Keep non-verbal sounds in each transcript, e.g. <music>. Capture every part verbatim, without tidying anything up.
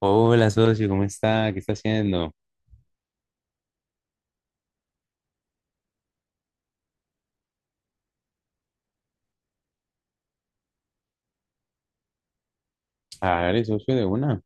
Hola, socio, ¿cómo está? ¿Qué está haciendo? Hágale, socio, de una.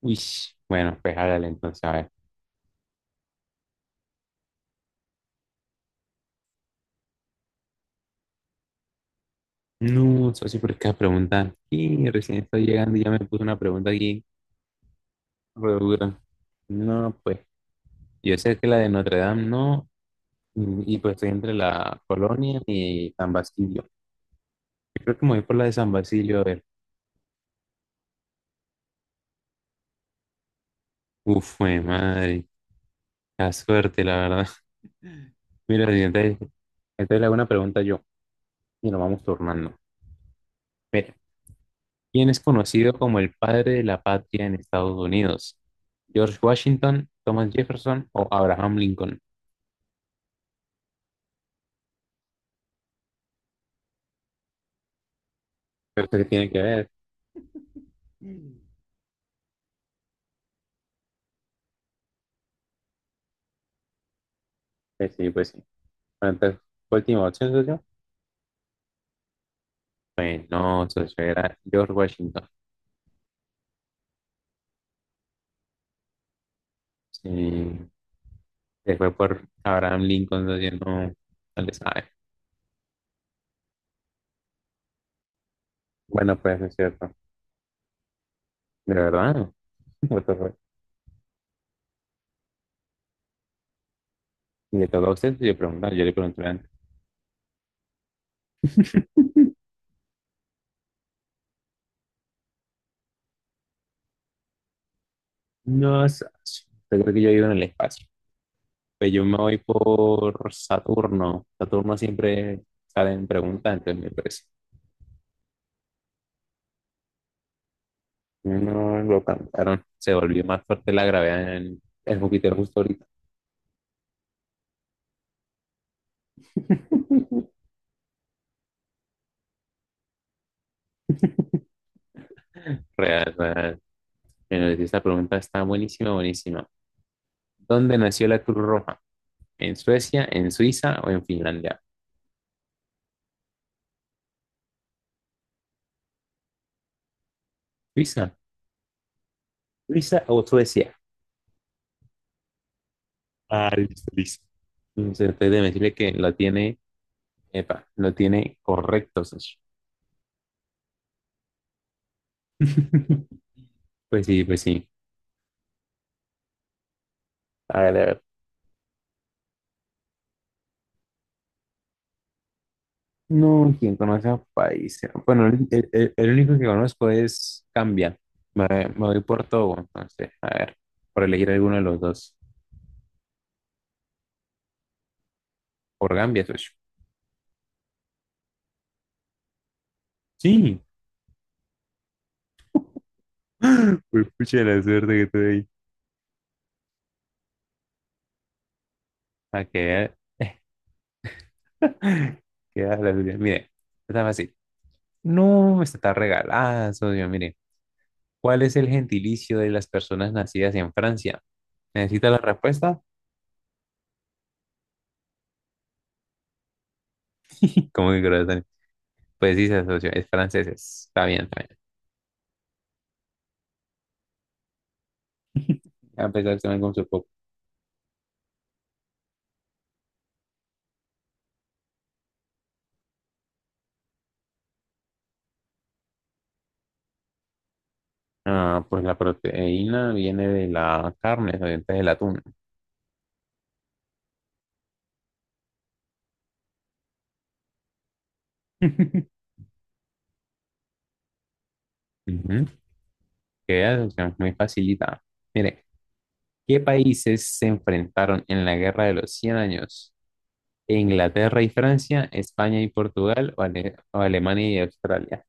Uy, bueno, pues hágale entonces, a ver. No, socio, pero qué pregunta. Y recién estoy llegando y ya me puso una pregunta aquí, re dura. No, pues, yo sé que la de Notre Dame no, y, y, pues estoy entre la Colonia y San Basilio. Yo creo que me voy por la de San Basilio, a ver. Uf, fue madre, la suerte, la verdad. <laughs> Mira, entonces, entonces le hago una pregunta yo, y nos vamos turnando. Mira. ¿Quien es conocido como el padre de la patria en Estados Unidos? ¿George Washington, Thomas Jefferson o Abraham Lincoln? Pero eso qué tiene que ver. Pues sí, pues sí. Bueno, entonces, última opción, socio. Pues no, socio, era George Washington. Sí, se fue por Abraham Lincoln, socio, no, no le sabe. Bueno, pues es cierto. De verdad, no. <laughs> What the fuck. Y le toca a usted, yo preguntar, yo le pregunté antes. <laughs> No, socio, yo creo que yo vivo en el espacio. Pues yo me voy por Saturno. Saturno siempre sale en pregunta, entonces me parece. No lo cantaron. Se volvió más fuerte la gravedad en el Júpiter justo ahorita. <laughs> Real, real. Bueno, esta pregunta está buenísima, buenísima. ¿Dónde nació la Cruz Roja? ¿En Suecia, en Suiza o en Finlandia? Suiza, Suiza o Suecia. Ah, listo, listo. Entonces, ustedes deben decirle que lo tiene, epa, lo tiene correcto, socio. <laughs> Pues sí, pues sí. Hágale, a ver. No, ¿quién conoce a Paiza? Bueno, el, el- el- el único que conozco es Cambia. Me, me voy por todo, entonces, a ver, por elegir alguno de los dos. Por Gambia, socio. Sí. <gasps> <laughs> Pues pucha la suerte que tuve ahí. A que <gasps> <laughs> queda la suya. Mire, está fácil. No, esta está regalada, socio. Mire, ¿cuál es el gentilicio de las personas nacidas en Francia? ¿Necesita la respuesta? <laughs> ¿Cómo que corazón? Pues sí, socio, es franceses. Está bien, está bien. A pesar de que no con su. Ah, pues la proteína viene de la carne, obviamente del atún. <laughs> Ujú. Queda opción muy facilita. Mire, ¿qué países se enfrentaron en la Guerra de los Cien Años? ¿Inglaterra y Francia, España y Portugal o, Ale- o Alemania y Australia?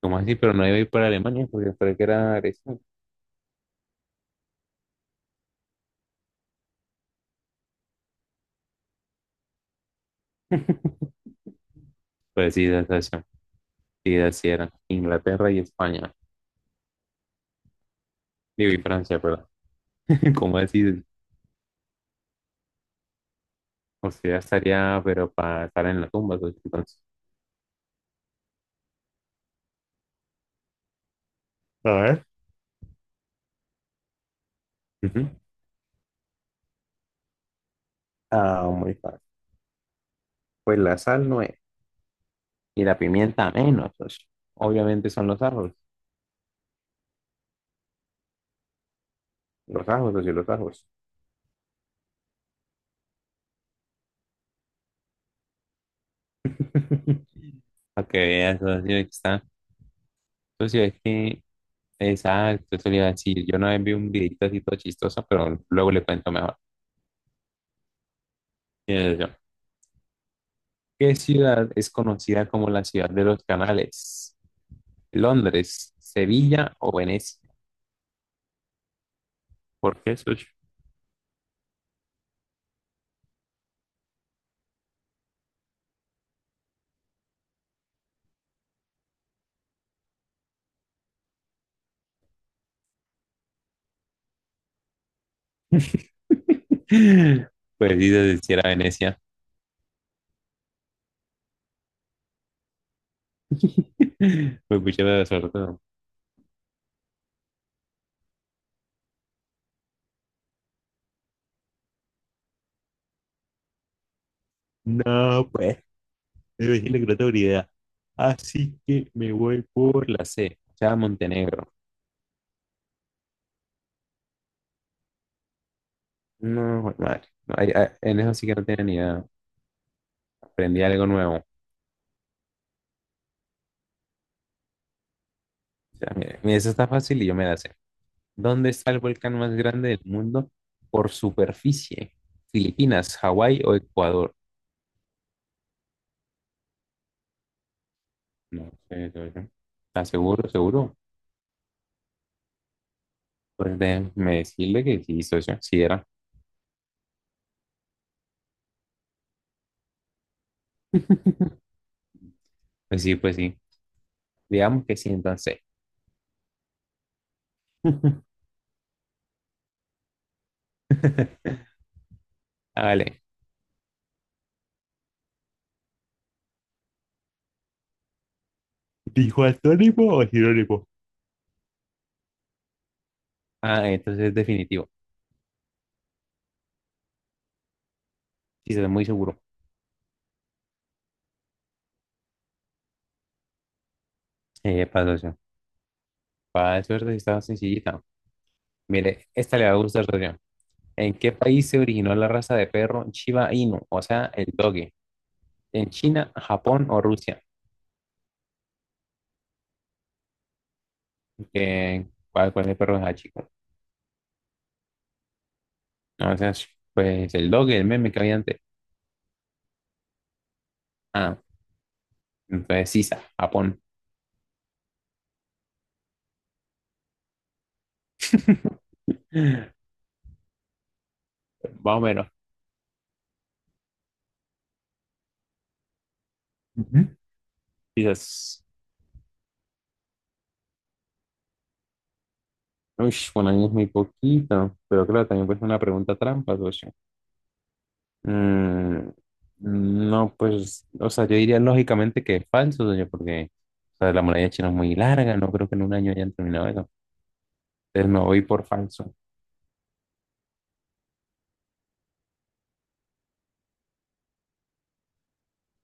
¿Cómo así? Pero no iba a ir por Alemania porque creo que era agresión. <laughs> Pues sí, esa es la. Sí, así era. Inglaterra y España. Digo, y Francia, perdón. <laughs> ¿Cómo así? O sea, estaría, pero para estar en la tumba, pues, entonces. A ver. Ujú. Ah, muy fácil. Pues la sal no es. Y la pimienta menos, socio. Obviamente son los ajos. Los ajos, socio, los ajos. <laughs> Para que veas, socio, que está. Socio, es que, exacto, eso le iba a decir. Yo no vez vi un videito así todo chistoso, pero luego le cuento mejor. Mire, socio, ¿qué ciudad es conocida como la ciudad de los canales? ¿Londres, Sevilla o Venecia? ¿Por qué, socio? <laughs> Pues sí, socio, si era Venecia. <laughs> Pues mucha suerte. No, pues. Me imagino que no tengo ni idea. Así que me voy por la C, ya Montenegro. No, jue madre. No, ahí- ah, en eso sí que no tenía ni idea. Aprendí algo nuevo. O sea, mira, mira, eso está fácil y yo me la sé. ¿Dónde está el volcán más grande del mundo por superficie? ¿Filipinas, Hawái o Ecuador? No sé, socio. ¿Estás seguro, seguro? Pues déjeme decirle que sí, socio. Sí era. <laughs> Pues sí, pues sí. Digamos que sí, entonces. <laughs> Vale. ¿Dijo antónimo o sinónimo? Ah, entonces es definitivo. Sí, se ve muy seguro. Eh, para socio. Para suerte, sí está sencillita. Mire, esta le va a gustar, socio. ¿En qué país se originó la raza de perro Shiba Inu? O sea, el doge. ¿En China, Japón o Rusia? Eh, ¿cuál, cuál es el perro de chico? O sea, pues el doge, el meme que había antes. Ah, entonces Sisa, Japón. <laughs> Más o menos. Ujú. Quizás. Uy, bueno, ahí es muy poquito. Pero claro, también puede ser una pregunta trampa, socio. Mm, no, pues, o sea, yo diría lógicamente que es falso, doña, porque o sea, la muralla china es muy larga, no creo que en un año hayan terminado eso. Entonces me voy por falso.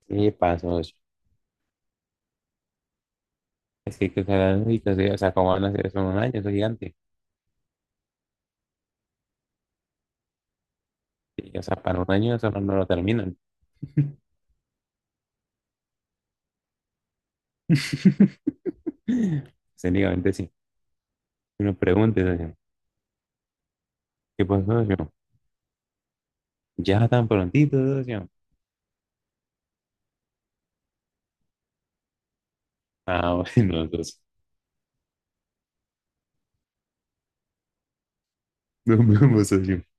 ¿Qué pasó? Eso. Es que hay que usar la lógica, sí. O sea, ¿cómo van a hacer eso en un año? Eso es gigante. Sí, o sea, para un año eso no no lo terminan. <laughs> Técnicamente sí. Uno pregunte, socio, ¿qué pasó, socio? Ya tan prontito, socio. Ah, <laughs> bueno, entonces, nos vemos, socio.